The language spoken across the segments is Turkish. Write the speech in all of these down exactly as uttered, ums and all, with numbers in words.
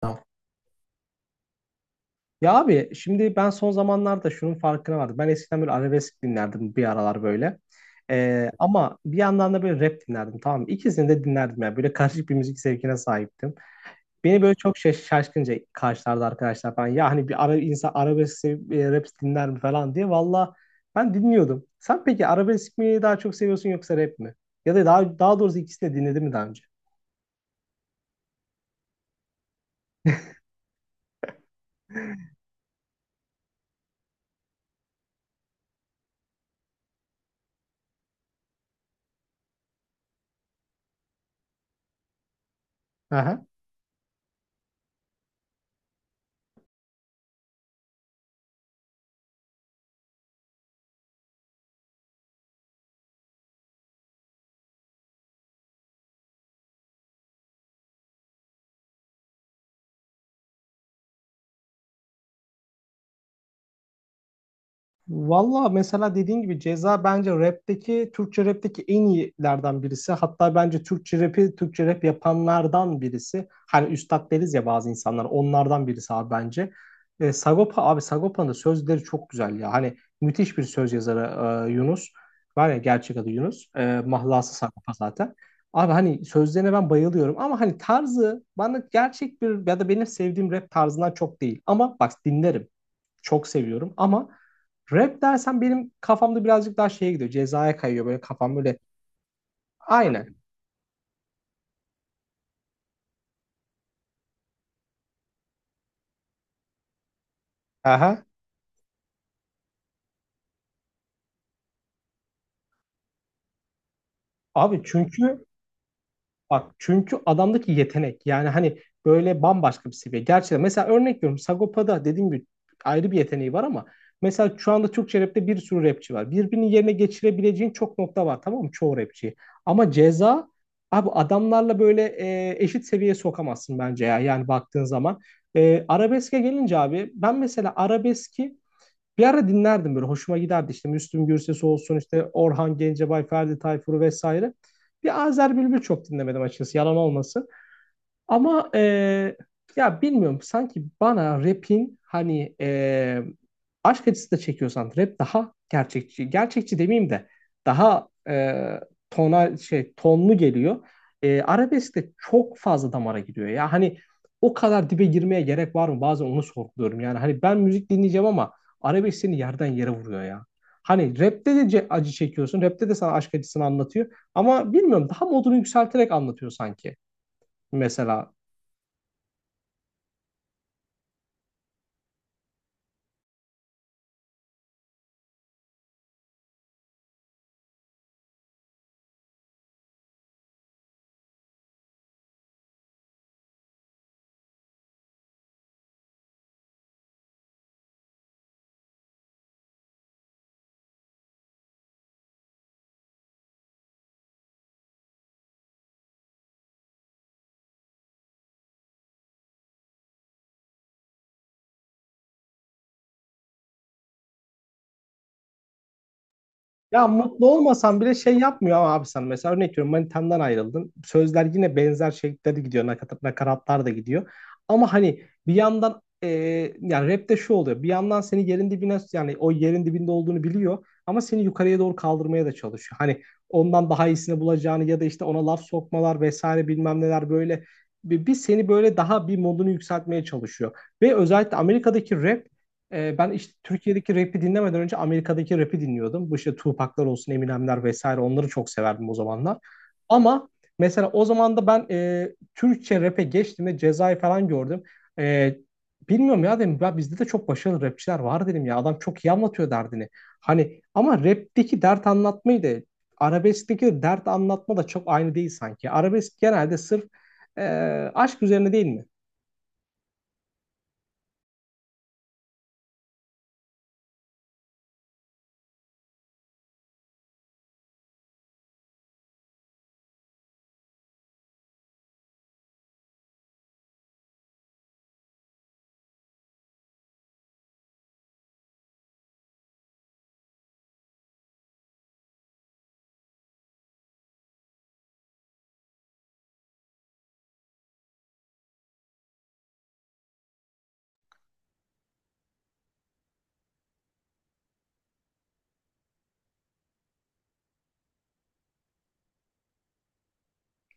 Tamam. Ya abi şimdi ben son zamanlarda şunun farkına vardım. Ben eskiden böyle arabesk dinlerdim bir aralar böyle. Ee, ama bir yandan da böyle rap dinlerdim, tamam mı? İkisini de dinlerdim yani. Böyle karışık bir müzik zevkine sahiptim. Beni böyle çok şaş şaşkınca karşılardı arkadaşlar falan. Ya hani bir ara insan arabesk sevip, e, rap dinler mi falan diye. Valla ben dinliyordum. Sen peki arabesk mi daha çok seviyorsun yoksa rap mi? Ya da daha, daha doğrusu ikisini de dinledin mi daha önce? Aha. Valla mesela dediğin gibi Ceza bence rapteki, Türkçe rapteki en iyilerden birisi. Hatta bence Türkçe rapi, Türkçe rap yapanlardan birisi. Hani üstad deriz ya bazı insanlar, onlardan birisi abi bence. E, Sagopa abi, Sagopa'nın da sözleri çok güzel ya. Hani müthiş bir söz yazarı, e, Yunus. Var ya, gerçek adı Yunus. E, mahlası Sagopa zaten. Abi hani sözlerine ben bayılıyorum, ama hani tarzı bana gerçek bir ya da benim sevdiğim rap tarzından çok değil. Ama bak, dinlerim. Çok seviyorum, ama rap dersen benim kafamda birazcık daha şeye gidiyor. Cezaya kayıyor böyle, kafam böyle. Aynen. Aha. Abi çünkü bak, çünkü adamdaki yetenek yani hani böyle bambaşka bir seviye. Gerçekten mesela örnek veriyorum, Sagopa'da dediğim gibi ayrı bir yeteneği var, ama mesela şu anda Türkçe rapte bir sürü rapçi var. Birbirinin yerine geçirebileceğin çok nokta var, tamam mı, çoğu rapçi. Ama Ceza abi, adamlarla böyle e, eşit seviyeye sokamazsın bence ya, yani baktığın zaman. E, arabeske gelince abi, ben mesela arabeski bir ara dinlerdim, böyle hoşuma giderdi, işte Müslüm Gürses'i olsun, işte Orhan Gencebay, Ferdi Tayfur'u vesaire. Bir Azer Bülbül çok dinlemedim açıkçası, yalan olmasın. Ama eee, ya bilmiyorum, sanki bana rap'in hani eee, aşk acısı da çekiyorsan rap daha gerçekçi. Gerçekçi demeyeyim de daha eee tona şey tonlu geliyor. Eee arabesk de çok fazla damara gidiyor. Ya hani o kadar dibe girmeye gerek var mı? Bazen onu sorguluyorum. Yani hani ben müzik dinleyeceğim, ama arabesk seni yerden yere vuruyor ya. Hani rap'te de ce- acı çekiyorsun. Rap'te de sana aşk acısını anlatıyor. Ama bilmiyorum, daha modunu yükselterek anlatıyor sanki. Mesela. Ya mutlu olmasan bile şey yapmıyor ama, abi sen mesela örnek veriyorum, manitandan ayrıldın. Sözler yine benzer şekilde gidiyor. Nakat, nakaratlar da gidiyor. Ama hani bir yandan, e, yani rapte şu oluyor. Bir yandan seni yerin dibine yani o yerin dibinde olduğunu biliyor. Ama seni yukarıya doğru kaldırmaya da çalışıyor. Hani ondan daha iyisini bulacağını ya da işte ona laf sokmalar vesaire bilmem neler böyle. Bir, bir seni böyle daha bir modunu yükseltmeye çalışıyor. Ve özellikle Amerika'daki rap, e, ben işte Türkiye'deki rap'i dinlemeden önce Amerika'daki rap'i dinliyordum. Bu işte Tupac'lar olsun, Eminem'ler vesaire, onları çok severdim o zamanlar. Ama mesela o zaman da ben, e, Türkçe rap'e geçtiğimde Ceza'yı falan gördüm. E, Bilmiyorum ya, dedim ya bizde de çok başarılı rapçiler var, dedim ya adam çok iyi anlatıyor derdini. Hani ama rap'teki dert anlatmayı da arabeskteki dert anlatma da çok aynı değil sanki. Arabesk genelde sırf e, aşk üzerine değil mi?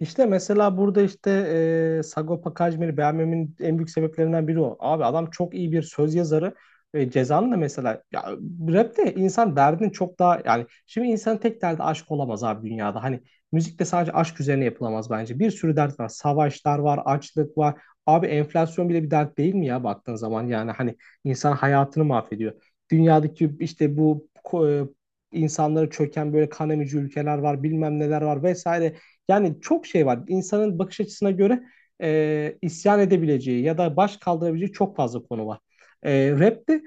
İşte mesela burada işte e, Sagopa Kajmer'i beğenmemin en büyük sebeplerinden biri o. Abi adam çok iyi bir söz yazarı. E, Ceza'nın da mesela ya, rapte insan derdini çok daha, yani şimdi insanın tek derdi aşk olamaz abi dünyada. Hani müzikte sadece aşk üzerine yapılamaz bence. Bir sürü dert var. Savaşlar var, açlık var. Abi enflasyon bile bir dert değil mi ya, baktığın zaman yani hani insan hayatını mahvediyor. Dünyadaki işte bu ko- e, insanları çöken böyle kan emici ülkeler var, bilmem neler var vesaire, yani çok şey var. İnsanın bakış açısına göre e, isyan edebileceği ya da baş kaldırabileceği çok fazla konu var. E, rap'te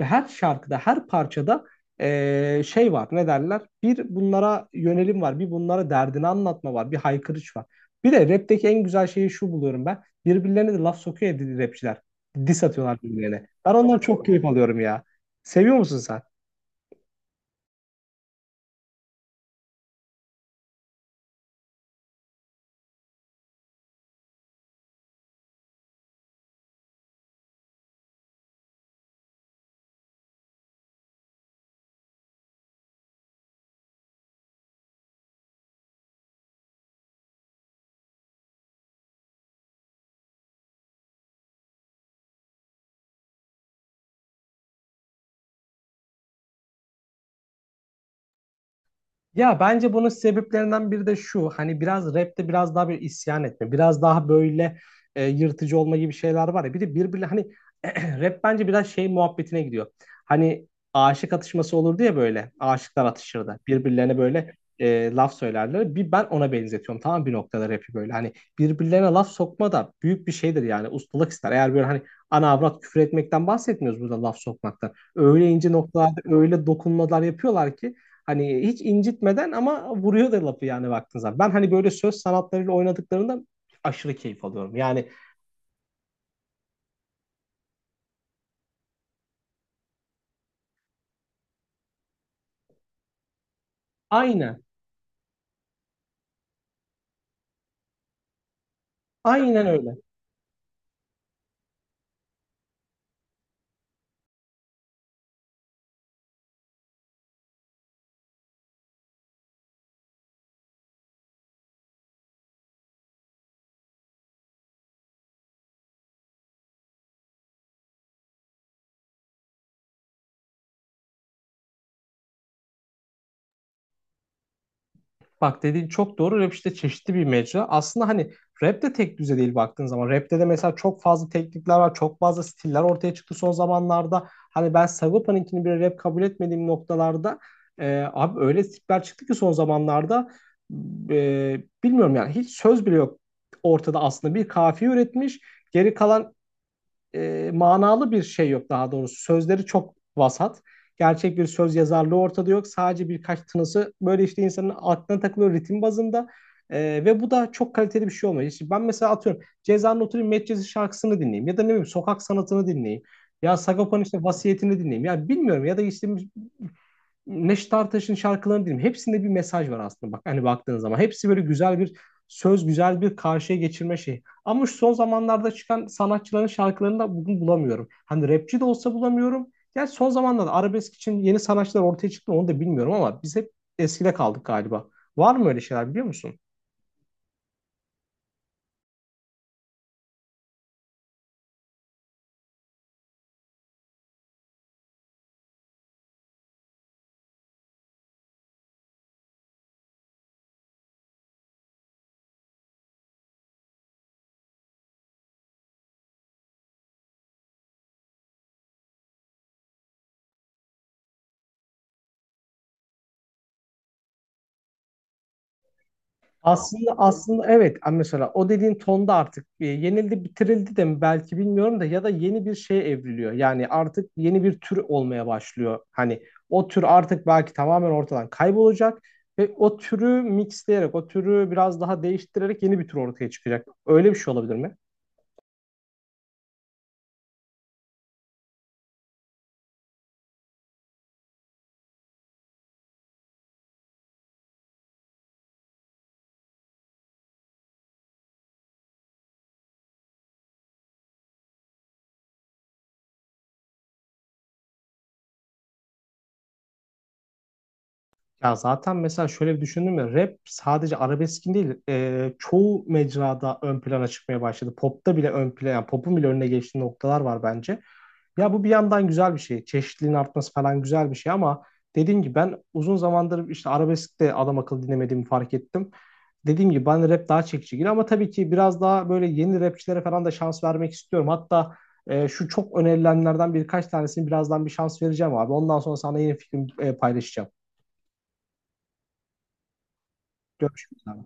her şarkıda, her parçada e, şey var. Ne derler? Bir bunlara yönelim var. Bir bunlara derdini anlatma var. Bir haykırış var. Bir de rap'teki en güzel şeyi şu buluyorum ben. Birbirlerine de laf sokuyor ya rapçiler. Diss atıyorlar birbirlerine. Ben ondan çok keyif alıyorum ya. Seviyor musun sen? Ya bence bunun sebeplerinden biri de şu. Hani biraz rapte biraz daha bir isyan etme. Biraz daha böyle e, yırtıcı olma gibi şeyler var ya. Bir de birbirine hani rap bence biraz şey muhabbetine gidiyor. Hani aşık atışması olurdu ya böyle. Aşıklar atışırdı. Birbirlerine böyle e, laf söylerler. Bir ben ona benzetiyorum. Tamam, bir noktada rapi böyle. Hani birbirlerine laf sokma da büyük bir şeydir yani. Ustalık ister. Eğer böyle hani ana avrat küfür etmekten bahsetmiyoruz, burada laf sokmaktan. Öyle ince noktalarda öyle dokunmalar yapıyorlar ki hani hiç incitmeden ama vuruyor da lafı, yani baktığın zaman. Ben hani böyle söz sanatlarıyla oynadıklarında aşırı keyif alıyorum. Yani aynen, aynen öyle. Bak, dediğin çok doğru. Rap işte çeşitli bir mecra. Aslında hani rap de tek düze değil baktığın zaman. Rap'te de mesela çok fazla teknikler var. Çok fazla stiller ortaya çıktı son zamanlarda. Hani ben Sagopa'nınkini bir rap kabul etmediğim noktalarda, e, abi öyle stiller çıktı ki son zamanlarda, e, bilmiyorum yani, hiç söz bile yok ortada aslında. Bir kafiye üretmiş. Geri kalan e, manalı bir şey yok daha doğrusu. Sözleri çok vasat. Gerçek bir söz yazarlığı ortada yok. Sadece birkaç tınısı böyle işte insanın aklına takılıyor ritim bazında. E, ve bu da çok kaliteli bir şey olmuyor. İşte ben mesela atıyorum Ceza'nın, oturayım Medcezir şarkısını dinleyeyim ya da ne bileyim sokak sanatını dinleyeyim. Ya Sagopa'nın işte vasiyetini dinleyeyim. Ya bilmiyorum, ya da işte Neşet Ertaş'ın şarkılarını dinleyin. Hepsinde bir mesaj var aslında bak, hani baktığın zaman. Hepsi böyle güzel bir söz, güzel bir karşıya geçirme şeyi. Ama şu son zamanlarda çıkan sanatçıların şarkılarını da bugün bulamıyorum. Hani rapçi de olsa bulamıyorum. Yani son zamanlarda arabesk için yeni sanatçılar ortaya çıktı, onu da bilmiyorum, ama biz hep eskide kaldık galiba. Var mı öyle şeyler, biliyor musun? Aslında aslında evet, mesela o dediğin tonda artık e, yenildi bitirildi de mi belki bilmiyorum da, ya da yeni bir şeye evriliyor. Yani artık yeni bir tür olmaya başlıyor. Hani o tür artık belki tamamen ortadan kaybolacak ve o türü mixleyerek, o türü biraz daha değiştirerek yeni bir tür ortaya çıkacak. Öyle bir şey olabilir mi? Ya zaten mesela şöyle bir düşündüm ya, rap sadece arabeskin değil, e, çoğu mecrada ön plana çıkmaya başladı. Pop'ta bile ön plana, yani pop'un bile önüne geçtiği noktalar var bence. Ya bu bir yandan güzel bir şey. Çeşitliliğin artması falan güzel bir şey, ama dediğim gibi ben uzun zamandır işte arabesk'te adam akıllı dinlemediğimi fark ettim. Dediğim gibi ben rap daha çekici geliyor, ama tabii ki biraz daha böyle yeni rapçilere falan da şans vermek istiyorum. Hatta e, şu çok önerilenlerden birkaç tanesini birazdan bir şans vereceğim abi. Ondan sonra sana yeni fikrim, e, paylaşacağım. Görüşmek üzere.